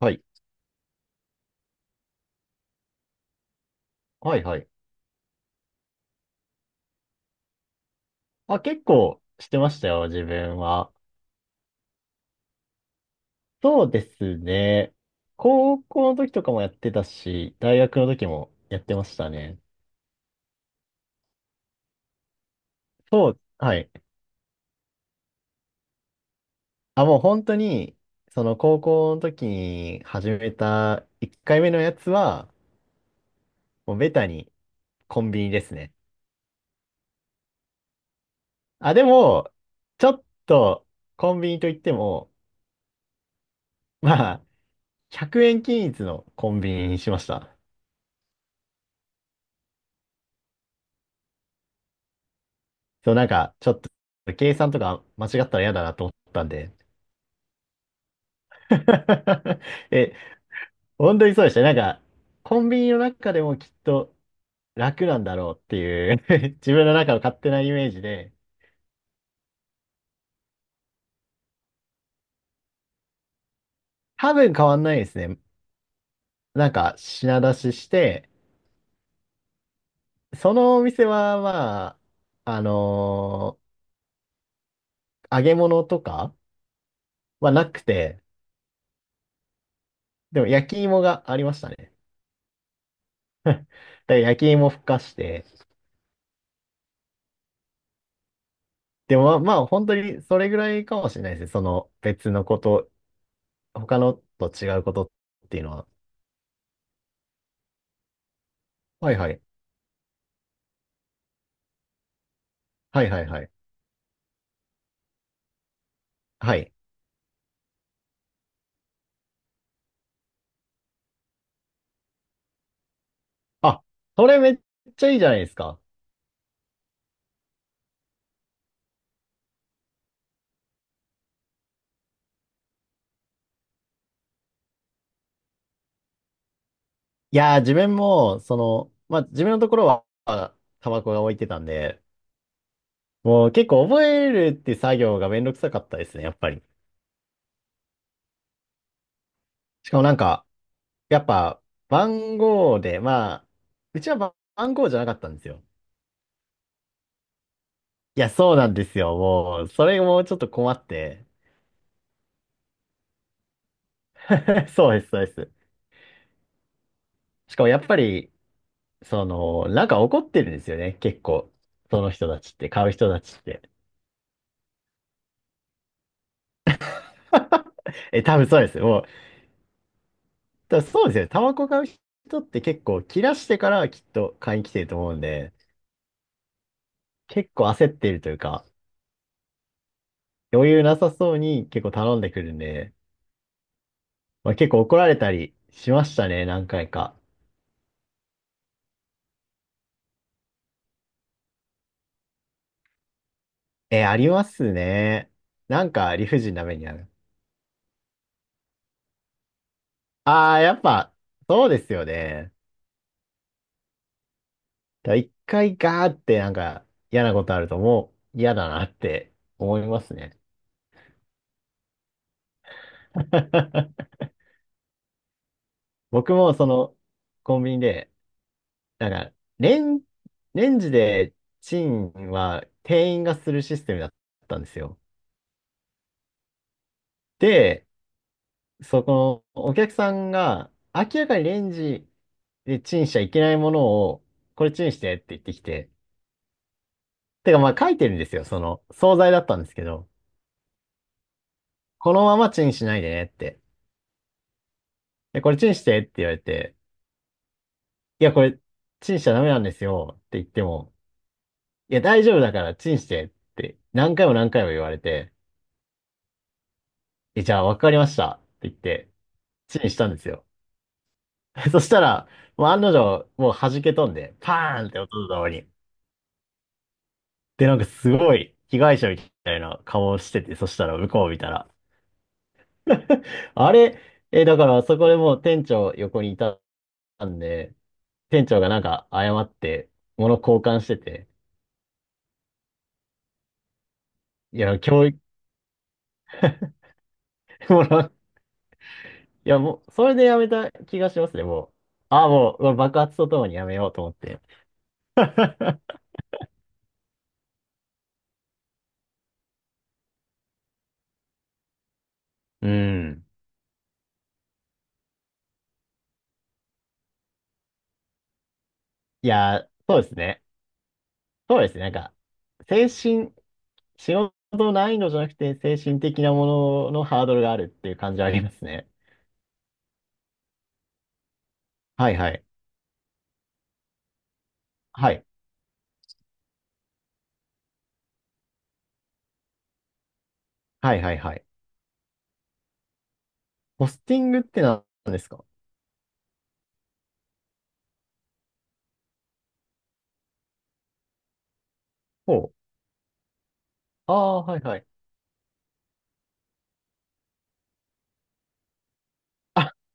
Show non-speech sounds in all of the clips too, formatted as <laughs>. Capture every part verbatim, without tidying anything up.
はい。はいはい。あ、結構してましたよ、自分は。そうですね。高校の時とかもやってたし、大学の時もやってましたね。そう、はい。あ、もう本当に、その高校の時に始めたいっかいめのやつは、もうベタにコンビニですね。あ、でも、ちょっとコンビニといっても、まあ、ひゃくえん均一のコンビニにしました。そう、なんか、ちょっと、計算とか間違ったら嫌だなと思ったんで。<laughs> え、本当にそうでしたね。なんか、コンビニの中でもきっと楽なんだろうっていう <laughs> 自分の中の勝手なイメージで。多分変わんないですね。なんか、品出しして、そのお店は、まあ、あのー揚げ物とかはなくて、でも焼き芋がありましたね。<laughs> だから焼き芋ふかして。でもまあ、まあ本当にそれぐらいかもしれないですね。その別のこと他のと違うことっていうのは。はいはい。はいはいはい。はい。あ、それめっちゃいいじゃないですか。いやー、自分も、その、まあ、自分のところは、タバコが置いてたんで、もう結構覚えるって作業がめんどくさかったですね、やっぱり。しかもなんか、やっぱ、番号で、まあ、うちは番番号じゃなかったんですよ。いや、そうなんですよ。もう、それもちょっと困って。<laughs> そうです、そうです。しかもやっぱり、その、なんか怒ってるんですよね、結構。その人たちって、買う人たちって。<laughs> え、多分そうです。もう、多分そうですよ。タバコ買う人って結構切らしてからきっと買いに来てると思うんで、結構焦ってるというか、余裕なさそうに結構頼んでくるんで、まあ、結構怒られたりしましたね、何回か。え、ありますね。なんか理不尽な目にある。ああ、やっぱ、そうですよね。だから一回ガーってなんか嫌なことあるともう嫌だなって思いますね。<laughs> 僕もそのコンビニで、なんかレン、レンジでチンは店員がするシステムだったんですよ。で、そこのお客さんが明らかにレンジでチンしちゃいけないものをこれチンしてって言ってきて、てかまあ書いてるんですよ。その惣菜だったんですけど、このままチンしないでねって。で、これチンしてって言われて、いや、これ、チンしちゃダメなんですよって言っても、いや、大丈夫だからチンしてって何回も何回も言われて、え、じゃあわかりましたって言って、チンしたんですよ。<laughs> そしたら、もう案の定、もう弾け飛んで、パーンって音とともに。で、なんかすごい被害者みたいな顔をしてて、そしたら向こう見たら。<laughs> あれ、え、だからそこでもう店長横にいたんで、店長がなんか謝って、物交換してて、いや、教育。<laughs> 物いや、もう、それでやめた気がしますね、もう。ああ、もう、爆発とともにやめようと思って。<laughs> うん。いや、そうですね。そうですね。なんか、精神、仕事難易度じゃなくて、精神的なもののハードルがあるっていう感じはありますね。はいはい。はい。はいはいはい。ポスティングって何ですか？ほう。ああ、はいはい。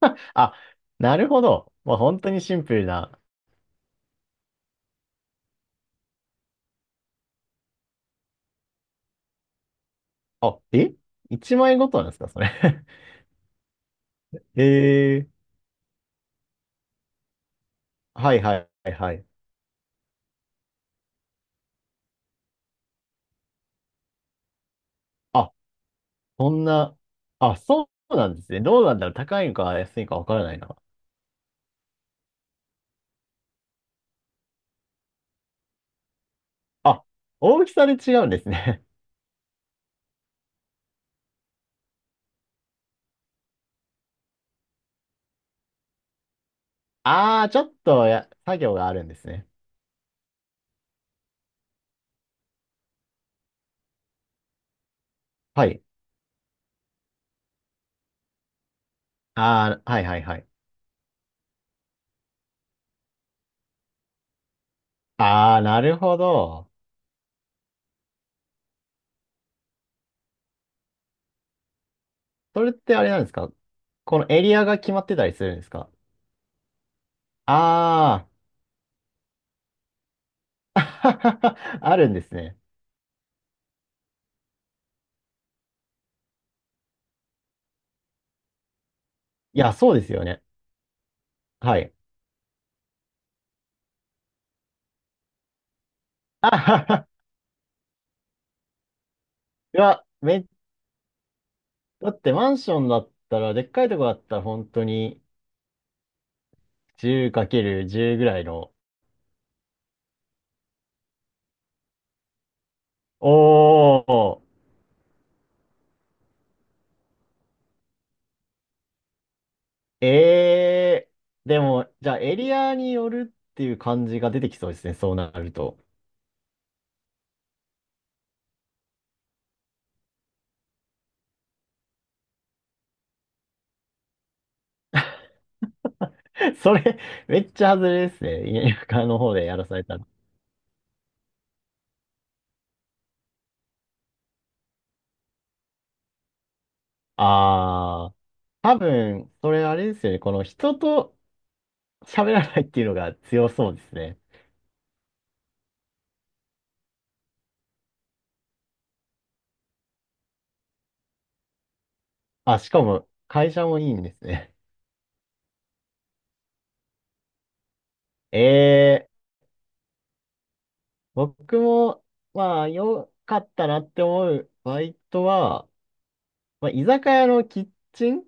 <laughs> あ、なるほど。まあ、本当にシンプルな。あ、え一枚ごとなんですか、それ？<laughs> ええ。はいはいはいはい。あ、そんな、あ、そうなんですね。どうなんだろう。高いのか安いのかわからないな。あ、大きさで違うんですね。<laughs> ああ、ちょっとや、作業があるんですね。はい。ああ、はいはいはい。ああ、なるほど。それってあれなんですか？このエリアが決まってたりするんですか？ああー。<laughs> あるんですね。いや、そうですよね。はい。<laughs> あはは。いや、め、だってマンションだったら、でっかいとこだったら本当に じゅう×じゅう ぐらいの。おー、えー、でも、じゃあエリアによるっていう感じが出てきそうですね、そうなると。<laughs> それ、めっちゃ外れですね、田舎の方でやらされたの。あー、多分、それあれですよね、この人と喋らないっていうのが強そうですね。あ、しかも、会社もいいんですね。えー、僕も、まあ、良かったなって思うバイトは、まあ、居酒屋のキッチン。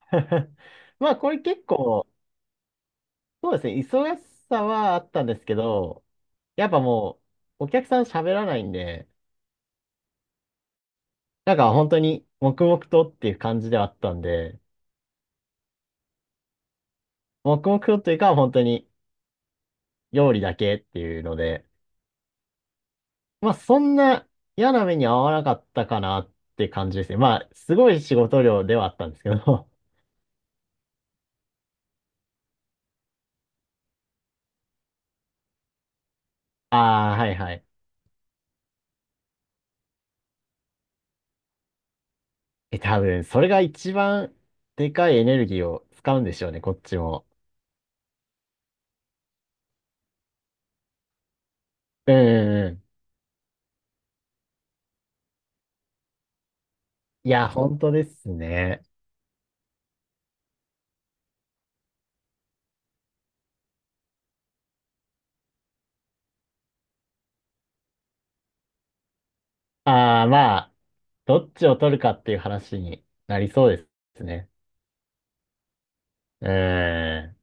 <laughs> まあ、これ結構、そうですね、忙しさはあったんですけど、やっぱもう、お客さん喋らないんで、なんか本当に黙々とっていう感じではあったんで、黙々とっていうか本当に料理だけっていうので、まあそんな嫌な目に遭わなかったかなって感じですね。まあすごい仕事量ではあったんですけど、<laughs> ああ、はいはい。え、多分それが一番でかいエネルギーを使うんでしょうね、こっちも。うんうんうん。いや、本当ですね。ああ、まあ。どっちを取るかっていう話になりそうですね。うーん。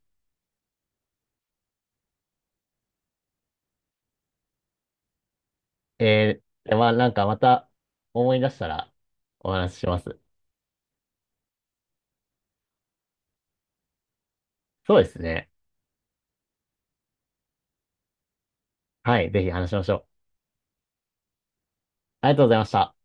えー、でまあなんかまた思い出したらお話しします。そうですね。はい、ぜひ話しましょう。ありがとうございました。